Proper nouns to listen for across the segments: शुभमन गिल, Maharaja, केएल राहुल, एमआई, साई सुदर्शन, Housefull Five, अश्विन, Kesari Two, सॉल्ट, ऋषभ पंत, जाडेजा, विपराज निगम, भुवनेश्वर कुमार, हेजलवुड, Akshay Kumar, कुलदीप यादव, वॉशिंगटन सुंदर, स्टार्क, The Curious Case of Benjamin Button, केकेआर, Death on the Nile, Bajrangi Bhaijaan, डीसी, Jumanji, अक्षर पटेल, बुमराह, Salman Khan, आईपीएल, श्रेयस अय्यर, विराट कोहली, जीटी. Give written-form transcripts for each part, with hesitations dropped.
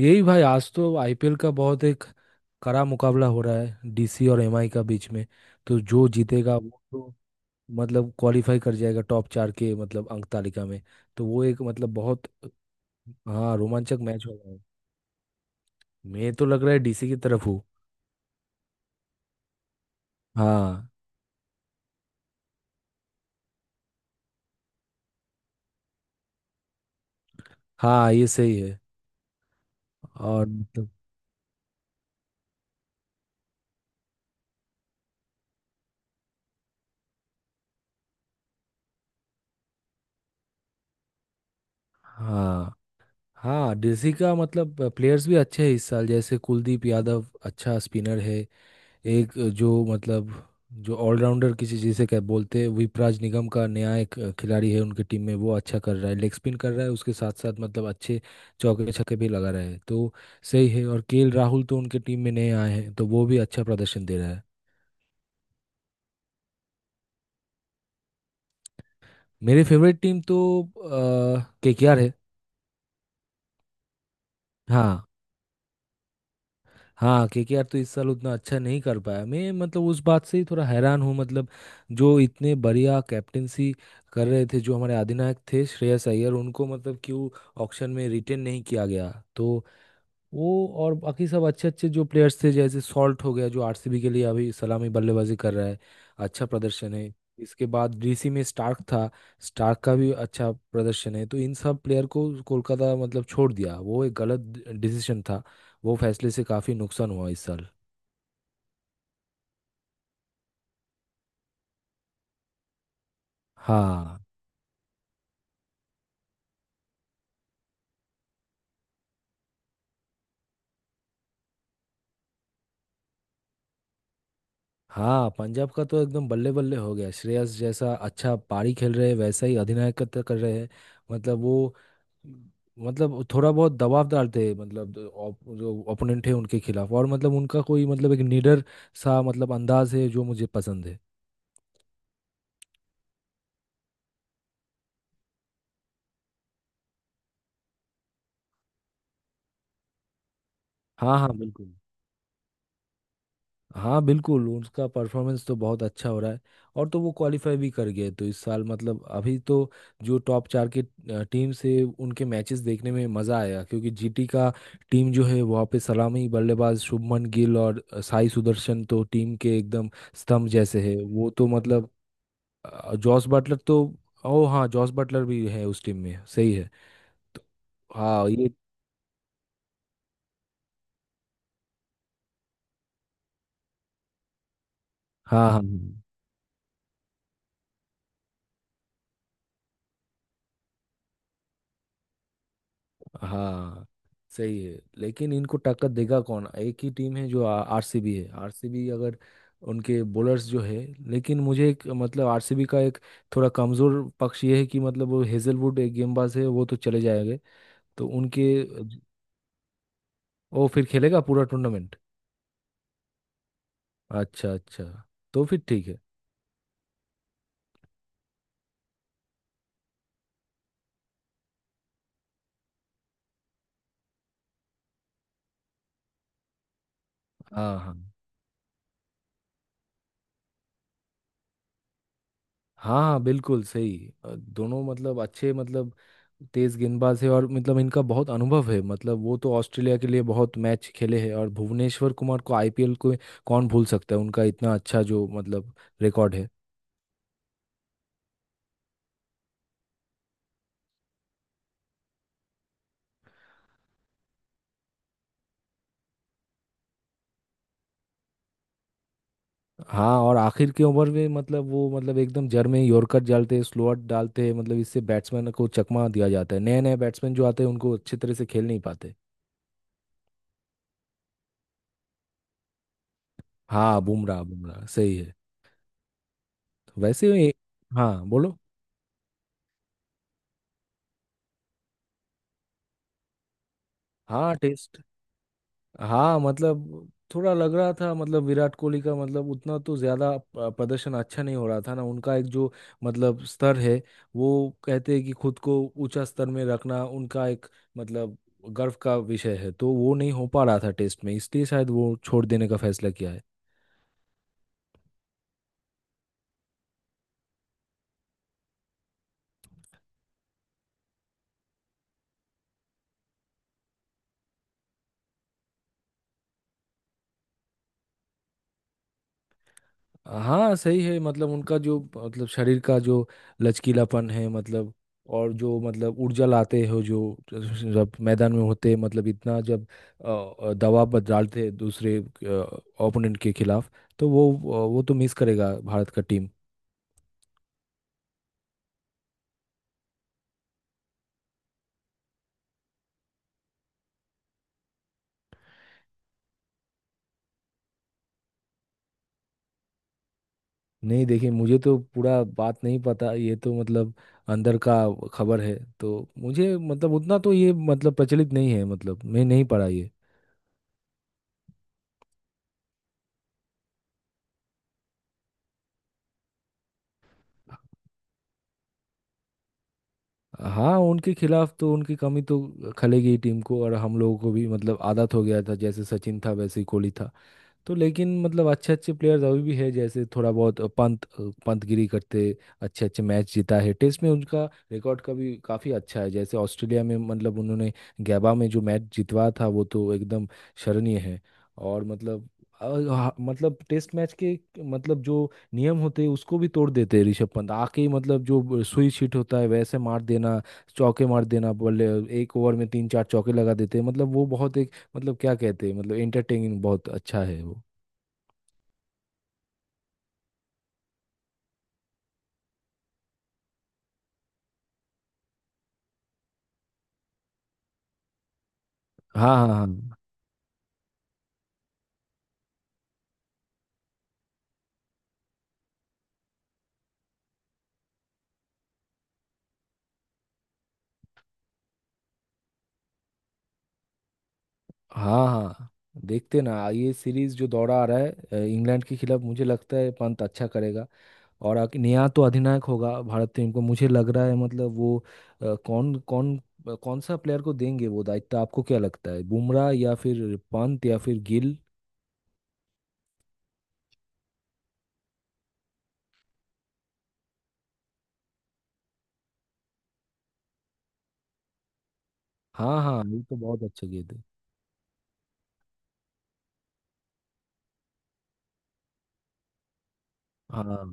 यही भाई, आज तो आईपीएल का बहुत एक कड़ा मुकाबला हो रहा है डीसी और एमआई का बीच में। तो जो जीतेगा वो तो मतलब क्वालिफाई कर जाएगा टॉप चार के, मतलब अंक तालिका में। तो वो एक मतलब बहुत, हाँ, रोमांचक मैच हो रहा है। मैं तो लग रहा है डीसी की तरफ हूँ। हाँ। हाँ, ये सही है। और मतलब। हाँ, हाँ, डीसी का मतलब प्लेयर्स भी अच्छे हैं इस साल, जैसे कुलदीप यादव अच्छा स्पिनर है। एक जो मतलब, जो ऑलराउंडर किसी, जिसे क्या बोलते हैं, विपराज निगम का नया एक खिलाड़ी है उनके टीम में, वो अच्छा कर रहा है, लेग स्पिन कर रहा है, उसके साथ साथ मतलब अच्छे चौके छक्के भी लगा रहा है। तो सही है। और केएल राहुल तो उनके टीम में नए आए हैं तो वो भी अच्छा प्रदर्शन दे रहा है। मेरी फेवरेट टीम तो केकेआर है। हाँ। हाँ, केकेआर तो इस साल उतना अच्छा नहीं कर पाया। मैं मतलब उस बात से ही थोड़ा हैरान हूँ, मतलब जो इतने बढ़िया कैप्टेंसी कर रहे थे, जो हमारे अधिनायक थे श्रेयस अय्यर, उनको मतलब क्यों ऑक्शन में रिटेन नहीं किया गया। तो वो और बाकी सब अच्छे अच्छे जो प्लेयर्स थे, जैसे सॉल्ट हो गया जो आरसीबी के लिए अभी सलामी बल्लेबाजी कर रहा है, अच्छा प्रदर्शन है। इसके बाद डीसी में स्टार्क था। स्टार्क का भी अच्छा प्रदर्शन है, तो इन सब प्लेयर को कोलकाता मतलब छोड़ दिया, वो एक गलत डिसीजन था। वो फैसले से काफ़ी नुकसान हुआ इस साल। हाँ। हाँ, पंजाब का तो एकदम बल्ले बल्ले हो गया, श्रेयस जैसा अच्छा पारी खेल रहे हैं वैसा ही अधिनायकत्व कर रहे हैं। मतलब वो, मतलब वो थोड़ा बहुत दबाव डालते हैं, मतलब जो जो ओपोनेंट है उनके खिलाफ, और मतलब उनका कोई मतलब एक निडर सा मतलब अंदाज है जो मुझे पसंद है। हाँ, हाँ, बिल्कुल। हाँ, बिल्कुल, उसका परफॉर्मेंस तो बहुत अच्छा हो रहा है। और तो वो क्वालिफाई भी कर गए, तो इस साल मतलब अभी तो जो टॉप चार के टीम से उनके मैचेस देखने में मज़ा आएगा, क्योंकि जीटी का टीम जो है वहाँ पे सलामी बल्लेबाज शुभमन गिल और साई सुदर्शन तो टीम के एकदम स्तंभ जैसे है वो तो मतलब। जॉस बटलर तो, ओ हाँ, जॉस बटलर भी है उस टीम में, सही है। तो हाँ, ये। हाँ। हाँ। हाँ, सही है। लेकिन इनको टक्कर देगा कौन? एक ही टीम है जो आरसीबी है। आरसीबी अगर उनके बॉलर्स जो है, लेकिन मुझे एक मतलब आरसीबी का एक थोड़ा कमजोर पक्ष ये है कि मतलब वो हेजलवुड एक गेंदबाज है, वो तो चले जाएंगे तो उनके। वो फिर खेलेगा पूरा टूर्नामेंट? अच्छा, अच्छा। तो फिर ठीक है। हाँ। हाँ, हाँ, हाँ बिल्कुल सही। दोनों मतलब अच्छे मतलब तेज गेंदबाज है, और मतलब इनका बहुत अनुभव है, मतलब वो तो ऑस्ट्रेलिया के लिए बहुत मैच खेले हैं, और भुवनेश्वर कुमार को आईपीएल को कौन भूल सकता है? उनका इतना अच्छा जो मतलब रिकॉर्ड है। हाँ, और आखिर के ओवर में मतलब वो मतलब एकदम जड़ में यॉर्कर डालते हैं, स्लोअर डालते हैं, मतलब इससे बैट्समैन को चकमा दिया जाता है। नए नए बैट्समैन जो आते हैं उनको अच्छे तरह से खेल नहीं पाते। हाँ, बुमराह बुमराह सही है। वैसे हाँ, बोलो। हाँ, टेस्ट। हाँ, मतलब थोड़ा लग रहा था, मतलब विराट कोहली का मतलब उतना तो ज्यादा प्रदर्शन अच्छा नहीं हो रहा था ना, उनका एक जो मतलब स्तर है वो, कहते हैं कि खुद को ऊंचा स्तर में रखना उनका एक मतलब गर्व का विषय है, तो वो नहीं हो पा रहा था टेस्ट में, इसलिए शायद वो छोड़ देने का फैसला किया है। हाँ, सही है, मतलब उनका जो मतलब शरीर का जो लचकीलापन है मतलब, और जो मतलब ऊर्जा लाते हो जो जब मैदान में होते हैं मतलब, इतना जब दबाव पर डालते हैं दूसरे ओपोनेंट के खिलाफ, तो वो तो मिस करेगा भारत का टीम। नहीं, देखिए, मुझे तो पूरा बात नहीं पता, ये तो मतलब अंदर का खबर है, तो मुझे मतलब उतना तो ये मतलब प्रचलित नहीं है, मतलब मैं नहीं पढ़ा ये। हाँ, उनके खिलाफ तो उनकी कमी तो खलेगी ही टीम को, और हम लोगों को भी मतलब आदत हो गया था, जैसे सचिन था वैसे ही कोहली था। तो लेकिन मतलब अच्छे अच्छे प्लेयर्स अभी भी है, जैसे थोड़ा बहुत पंत पंतगिरी करते अच्छे अच्छे मैच जीता है टेस्ट में, उनका रिकॉर्ड का भी काफ़ी अच्छा है। जैसे ऑस्ट्रेलिया में मतलब उन्होंने गैबा में जो मैच जितवा था वो तो एकदम शरणीय है। और मतलब मतलब टेस्ट मैच के मतलब जो नियम होते हैं उसको भी तोड़ देते हैं ऋषभ पंत आके ही, मतलब जो सुई छिट होता है वैसे मार देना, चौके मार देना बल्ले, एक ओवर में तीन चार चौके लगा देते हैं, मतलब वो बहुत मतलब क्या कहते हैं मतलब एंटरटेनिंग, बहुत अच्छा है वो। हाँ, हाँ, हाँ। हाँ, हाँ, देखते ना ये सीरीज जो दौरा आ रहा है इंग्लैंड के खिलाफ, मुझे लगता है पंत अच्छा करेगा। और आखिर नया तो अधिनायक होगा भारत टीम को, मुझे लग रहा है मतलब वो अ, कौन कौन अ, कौन सा प्लेयर को देंगे वो दायित्व? आपको क्या लगता है, बुमराह या फिर पंत या फिर गिल? हाँ, हाँ, ये तो बहुत अच्छे गेंद है। हाँ,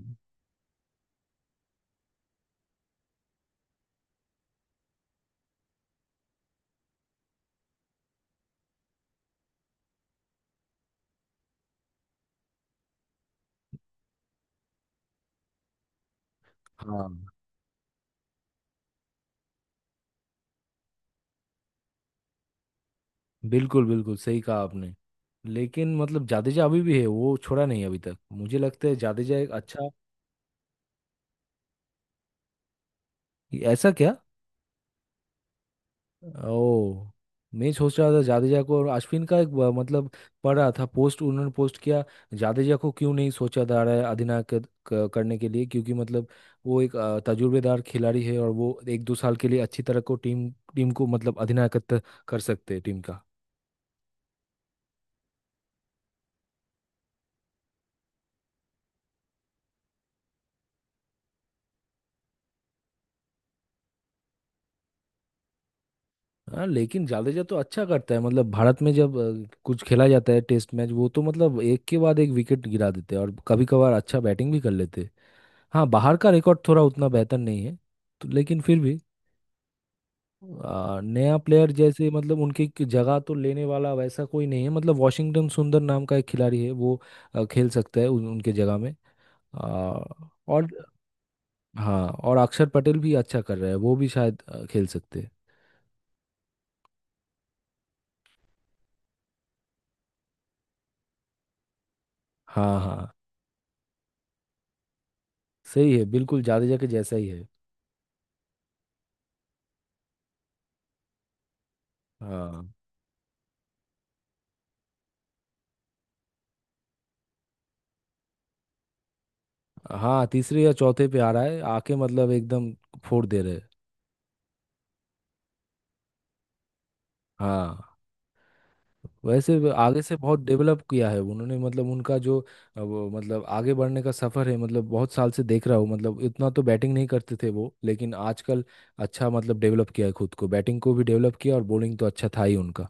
हाँ, बिल्कुल बिल्कुल सही कहा आपने। लेकिन मतलब जाडेजा अभी भी है, वो छोड़ा नहीं अभी तक, मुझे लगता है जाडेजा एक अच्छा। ऐसा क्या? ओ। मैं सोच रहा था जाडेजा को और अश्विन का एक मतलब पढ़ रहा था पोस्ट, उन्होंने पोस्ट किया। जाडेजा को क्यों नहीं सोचा जा रहा है अधिनायक करने के लिए? क्योंकि मतलब वो एक तजुर्बेदार खिलाड़ी है, और वो एक दो साल के लिए अच्छी तरह को टीम टीम को मतलब अधिनायकत्व कर सकते हैं टीम का। हाँ, लेकिन जाडेजा तो अच्छा करता है मतलब, भारत में जब कुछ खेला जाता है टेस्ट मैच, वो तो मतलब एक के बाद एक विकेट गिरा देते हैं, और कभी कभार अच्छा बैटिंग भी कर लेते हैं। हाँ, बाहर का रिकॉर्ड थोड़ा उतना बेहतर नहीं है। तो लेकिन फिर भी नया प्लेयर जैसे मतलब उनकी जगह तो लेने वाला वैसा कोई नहीं है, मतलब वॉशिंगटन सुंदर नाम का एक खिलाड़ी है, वो खेल सकता है उनके जगह में। आ, और। हाँ, और अक्षर पटेल भी अच्छा कर रहा है, वो भी शायद खेल सकते हैं। हाँ, हाँ, सही है, बिल्कुल जाडेजा के जैसा ही है। हाँ। हाँ, तीसरे या चौथे पे आ रहा है, आके मतलब एकदम फोड़ दे रहे हैं। हाँ, वैसे वे आगे से बहुत डेवलप किया है उन्होंने, मतलब उनका जो वो मतलब आगे बढ़ने का सफर है, मतलब बहुत साल से देख रहा हूँ, मतलब इतना तो बैटिंग नहीं करते थे वो, लेकिन आजकल अच्छा मतलब डेवलप किया है खुद को, बैटिंग को भी डेवलप किया, और बॉलिंग तो अच्छा था ही उनका।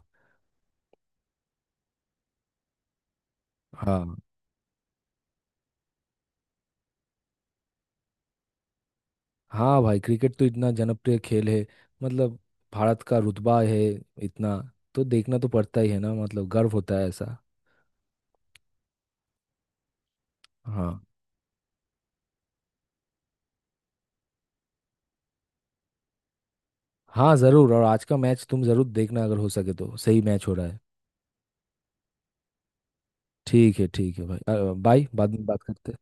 हाँ। हाँ भाई, क्रिकेट तो इतना जनप्रिय खेल है मतलब, भारत का रुतबा है इतना, तो देखना तो पड़ता ही है ना, मतलब गर्व होता है ऐसा। हाँ। हाँ ज़रूर, और आज का मैच तुम ज़रूर देखना अगर हो सके तो, सही मैच हो रहा है। ठीक है, ठीक है भाई, बाय, बाद में बात करते हैं।